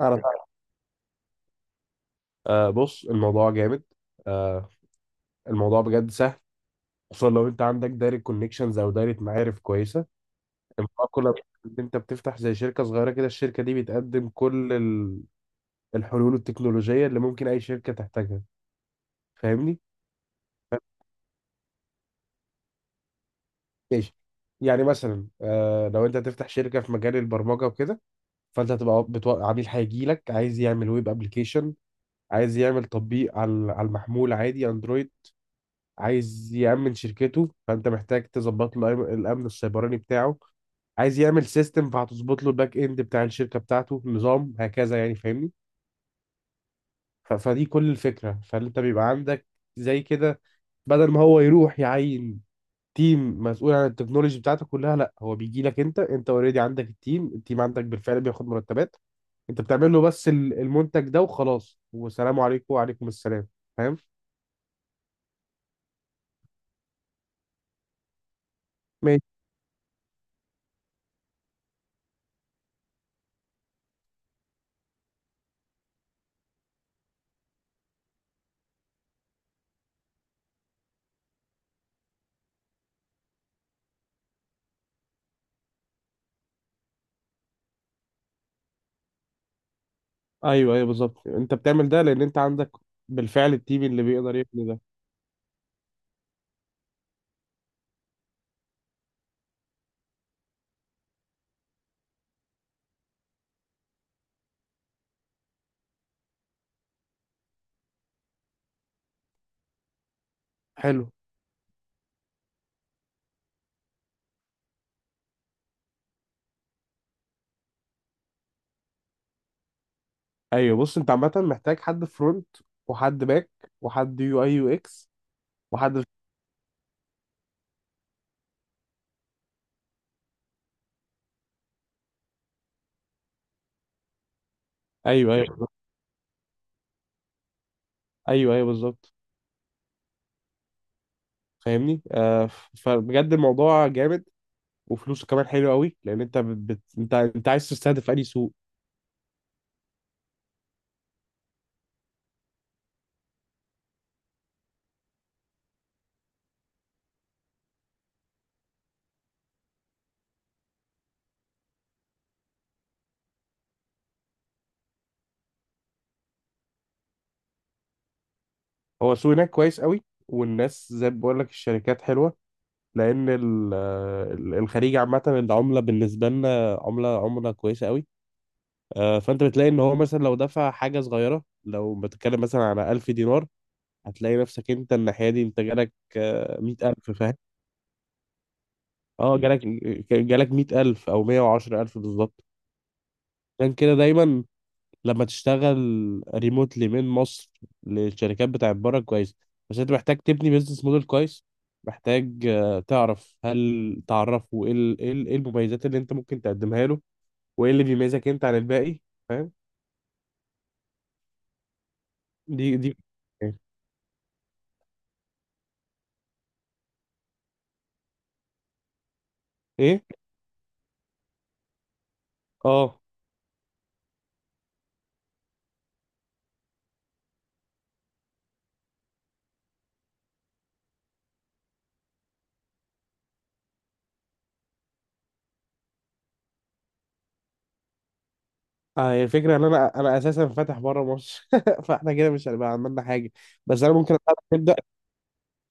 أعرف. آه، بص الموضوع جامد. آه. الموضوع بجد سهل، خصوصا لو أنت عندك دايرة كونكشنز أو دايرة معارف كويسة. الموضوع كله إن أنت بتفتح زي شركة صغيرة كده، الشركة دي بتقدم كل الحلول التكنولوجية اللي ممكن أي شركة تحتاجها. فاهمني؟ ماشي. يعني مثلا، لو أنت هتفتح شركة في مجال البرمجة وكده، فأنت هتبقى عميل هيجي لك عايز يعمل ويب أبلكيشن، عايز يعمل تطبيق على المحمول، عادي اندرويد. عايز يأمن شركته، فأنت محتاج تظبط له الأمن السيبراني بتاعه. عايز يعمل سيستم، فهتظبط له الباك إند بتاع الشركة بتاعته، نظام هكذا، يعني فاهمني. فدي كل الفكرة. فأنت بيبقى عندك زي كده، بدل ما هو يروح يعين تيم مسؤول عن التكنولوجي بتاعته كلها، لا، هو بيجي لك. انت اوريدي عندك التيم عندك بالفعل بياخد مرتبات. انت بتعمل له بس المنتج ده وخلاص، وسلام عليكم وعليكم السلام، فاهم؟ ايوه، ايوه، بالظبط. انت بتعمل ده لان انت عندك بالفعل التيم اللي بيقدر يبني ده. حلو. ايوه، بص، انت عامه محتاج حد فرونت، وحد باك، وحد يو اي يو اكس، وحد... ايوه، ايوه، بالظبط. ايوه، ايوه، بالظبط. فاهمني. فبجد الموضوع جامد وفلوسه كمان حلو قوي. لان انت بت... بت- انت انت عايز تستهدف اي سوق؟ هو السوق هناك كويس قوي، والناس زي ما بقول لك الشركات حلوه. لان الخليج عامه العمله بالنسبه لنا عمله كويسه قوي. فانت بتلاقي ان هو مثلا لو دفع حاجه صغيره، لو بتتكلم مثلا على 1000 دينار، هتلاقي نفسك انت الناحيه دي انت جالك 100,000. فاهم؟ اه، جالك 100,000 او 110,000 بالظبط. عشان كده دايما لما تشتغل ريموتلي من مصر للشركات بتاعت بره كويس. بس انت محتاج تبني بيزنس موديل كويس، محتاج تعرف، هل تعرفه، إيه المميزات اللي انت ممكن تقدمها له وايه اللي بيميزك انت عن الباقي. فاهم؟ دي ايه؟ اه، اه، هي الفكرة ان انا اساسا فاتح بره مصر. فاحنا كده مش هنبقى عملنا حاجة. بس انا ممكن نبدأ.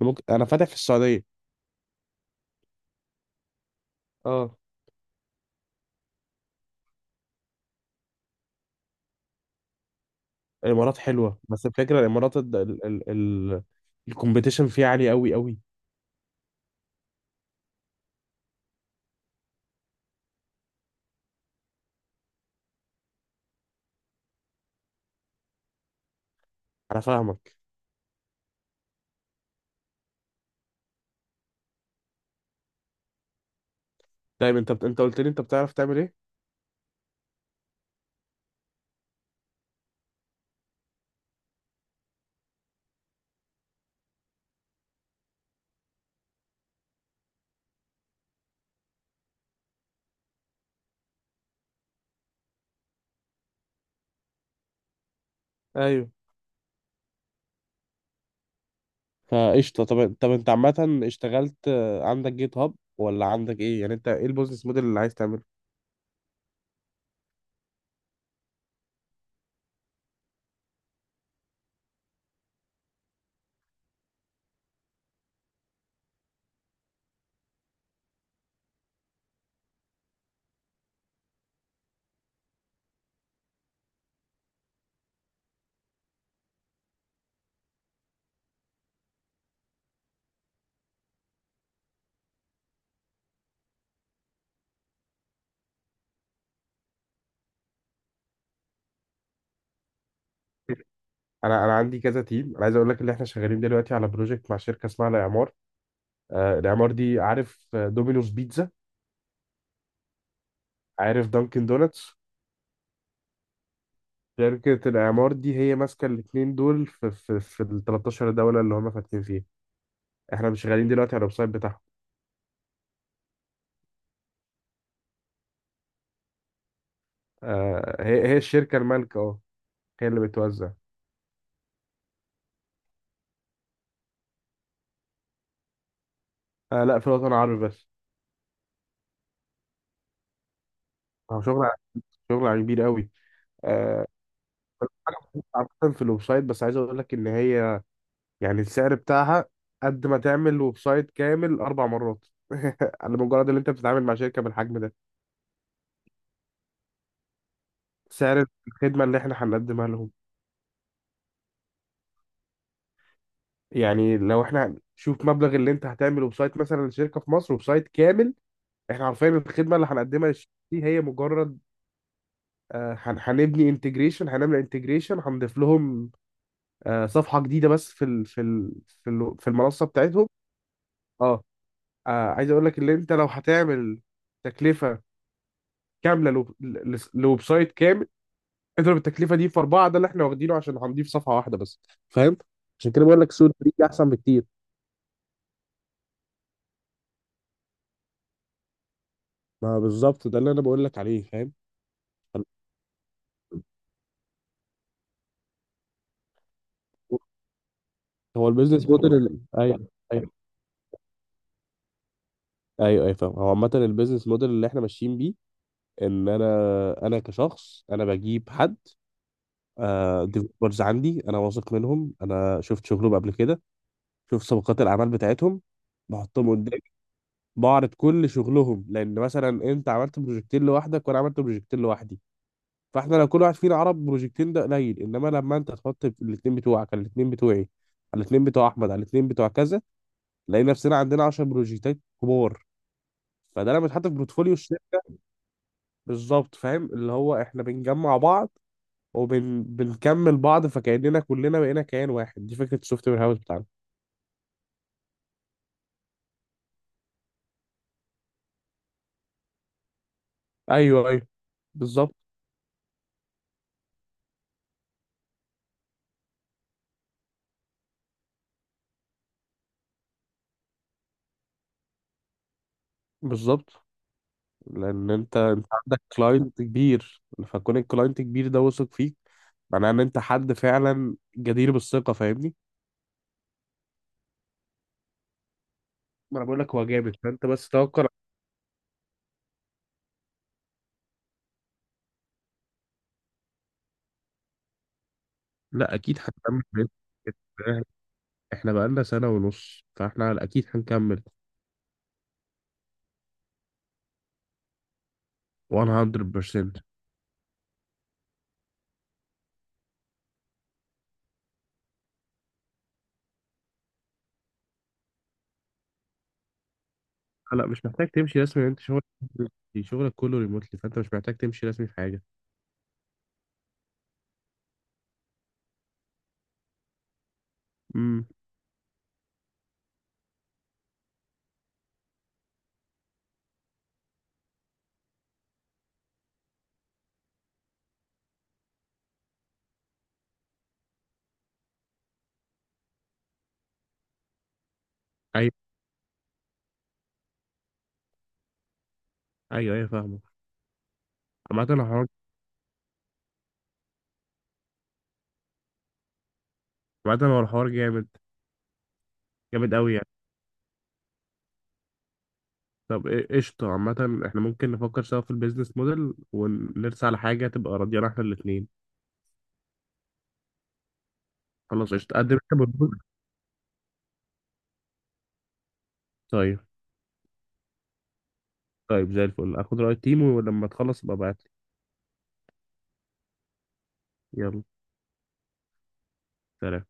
ممكن انا فاتح في السعودية. اه. الامارات حلوة، بس الفكرة الامارات ال الكومبيتيشن فيها عالي قوي قوي. انا فاهمك. دايما انت قلت لي انت بتعرف تعمل ايه؟ ايوه. فقشطة. طب، طب، انت عامة اشتغلت، عندك جيت هاب ولا عندك ايه؟ يعني انت ايه البيزنس موديل اللي عايز تعمله؟ انا عندي كذا تيم. انا عايز اقول لك ان احنا شغالين دلوقتي على بروجكت مع شركة اسمها الاعمار. الاعمار دي، عارف دومينوز بيتزا؟ عارف دانكن دونتس؟ شركة الإعمار دي هي ماسكة الاتنين دول في ال 13 دولة اللي هم فاتحين فيها. احنا مش شغالين دلوقتي على الويب سايت بتاعهم. هي الشركة المالكة، اه، هي اللي بتوزع. آه، لا، في الوطن العربي بس. هو شغل كبير قوي. آه عامة في الويب سايت، بس عايز اقول لك ان هي يعني السعر بتاعها قد ما تعمل ويب سايت كامل اربع مرات. على مجرد ان انت بتتعامل مع شركة بالحجم ده. سعر الخدمة اللي احنا هنقدمها. يعني لو احنا، شوف مبلغ اللي انت هتعمله بسايت مثلا لشركه في مصر وبسايت كامل. احنا عارفين الخدمه اللي هنقدمها للشركه دي هي مجرد هنبني انتجريشن هنعمل انتجريشن، هنضيف لهم صفحه جديده بس في ال في ال في ال في المنصه بتاعتهم. اه. عايز اقول لك ان انت لو هتعمل تكلفه كامله لويب سايت كامل، اضرب التكلفه دي في اربعه، ده اللي احنا واخدينه عشان هنضيف صفحه واحده بس، فاهم؟ عشان كده بقول لك سوق الفريق احسن بكتير. ما بالظبط، ده اللي انا بقول لك عليه، فاهم؟ هو البيزنس موديل ايوه. ايوه. ايوه، ايوه، فاهم. هو عامة البيزنس موديل اللي احنا ماشيين بيه ان انا كشخص انا بجيب حد، ديفلوبرز عندي، انا واثق منهم، انا شفت شغلهم قبل كده. شفت سابقات الاعمال بتاعتهم، بحطهم قدامي، بعرض كل شغلهم. لان مثلا انت عملت بروجكتين لوحدك وانا عملت بروجكتين لوحدي، فاحنا لو كل واحد فينا عرض بروجكتين ده قليل، انما لما انت تحط الاثنين بتوعك على الاثنين بتوعي، على الاثنين بتوع احمد، على الاثنين بتوع كذا، نلاقي نفسنا عندنا 10 بروجكتات كبار. فده لما يتحط في بورتفوليو الشركه. بالظبط، فاهم؟ اللي هو احنا بنجمع بعض وبنكمل بعض، فكاننا كلنا بقينا كيان واحد. دي فكره السوفت وير هاوس بتاعنا. ايوه، ايوه، بالظبط، بالظبط. لان انت عندك كلاينت كبير. فكون الكلاينت كبير ده واثق فيك، معناه ان انت حد فعلا جدير بالثقه، فاهمني. ما انا بقول لك هو جامد، فانت بس توكل. لا، اكيد هنكمل. احنا بقالنا سنه ونص، فاحنا اكيد هنكمل 100%. لا، مش محتاج تمشي رسمي لأن انت شغلك كله ريموتلي، فانت مش محتاج تمشي رسمي في حاجه. امم. ايوه، ايوه، ايوه، فاهمه. عامه الحوار. عامه هو الحوار جامد. جامد قوي يعني. طب قشطه. عامه احنا ممكن نفكر سوا في البيزنس موديل ونرسى على حاجه تبقى راضيانا احنا الاثنين. خلاص قشطه. قدم انت بروبوزل. طيب. طيب، زي الفل، اخد راي التيم ولما تخلص ابقى ابعت لي. يلا سلام.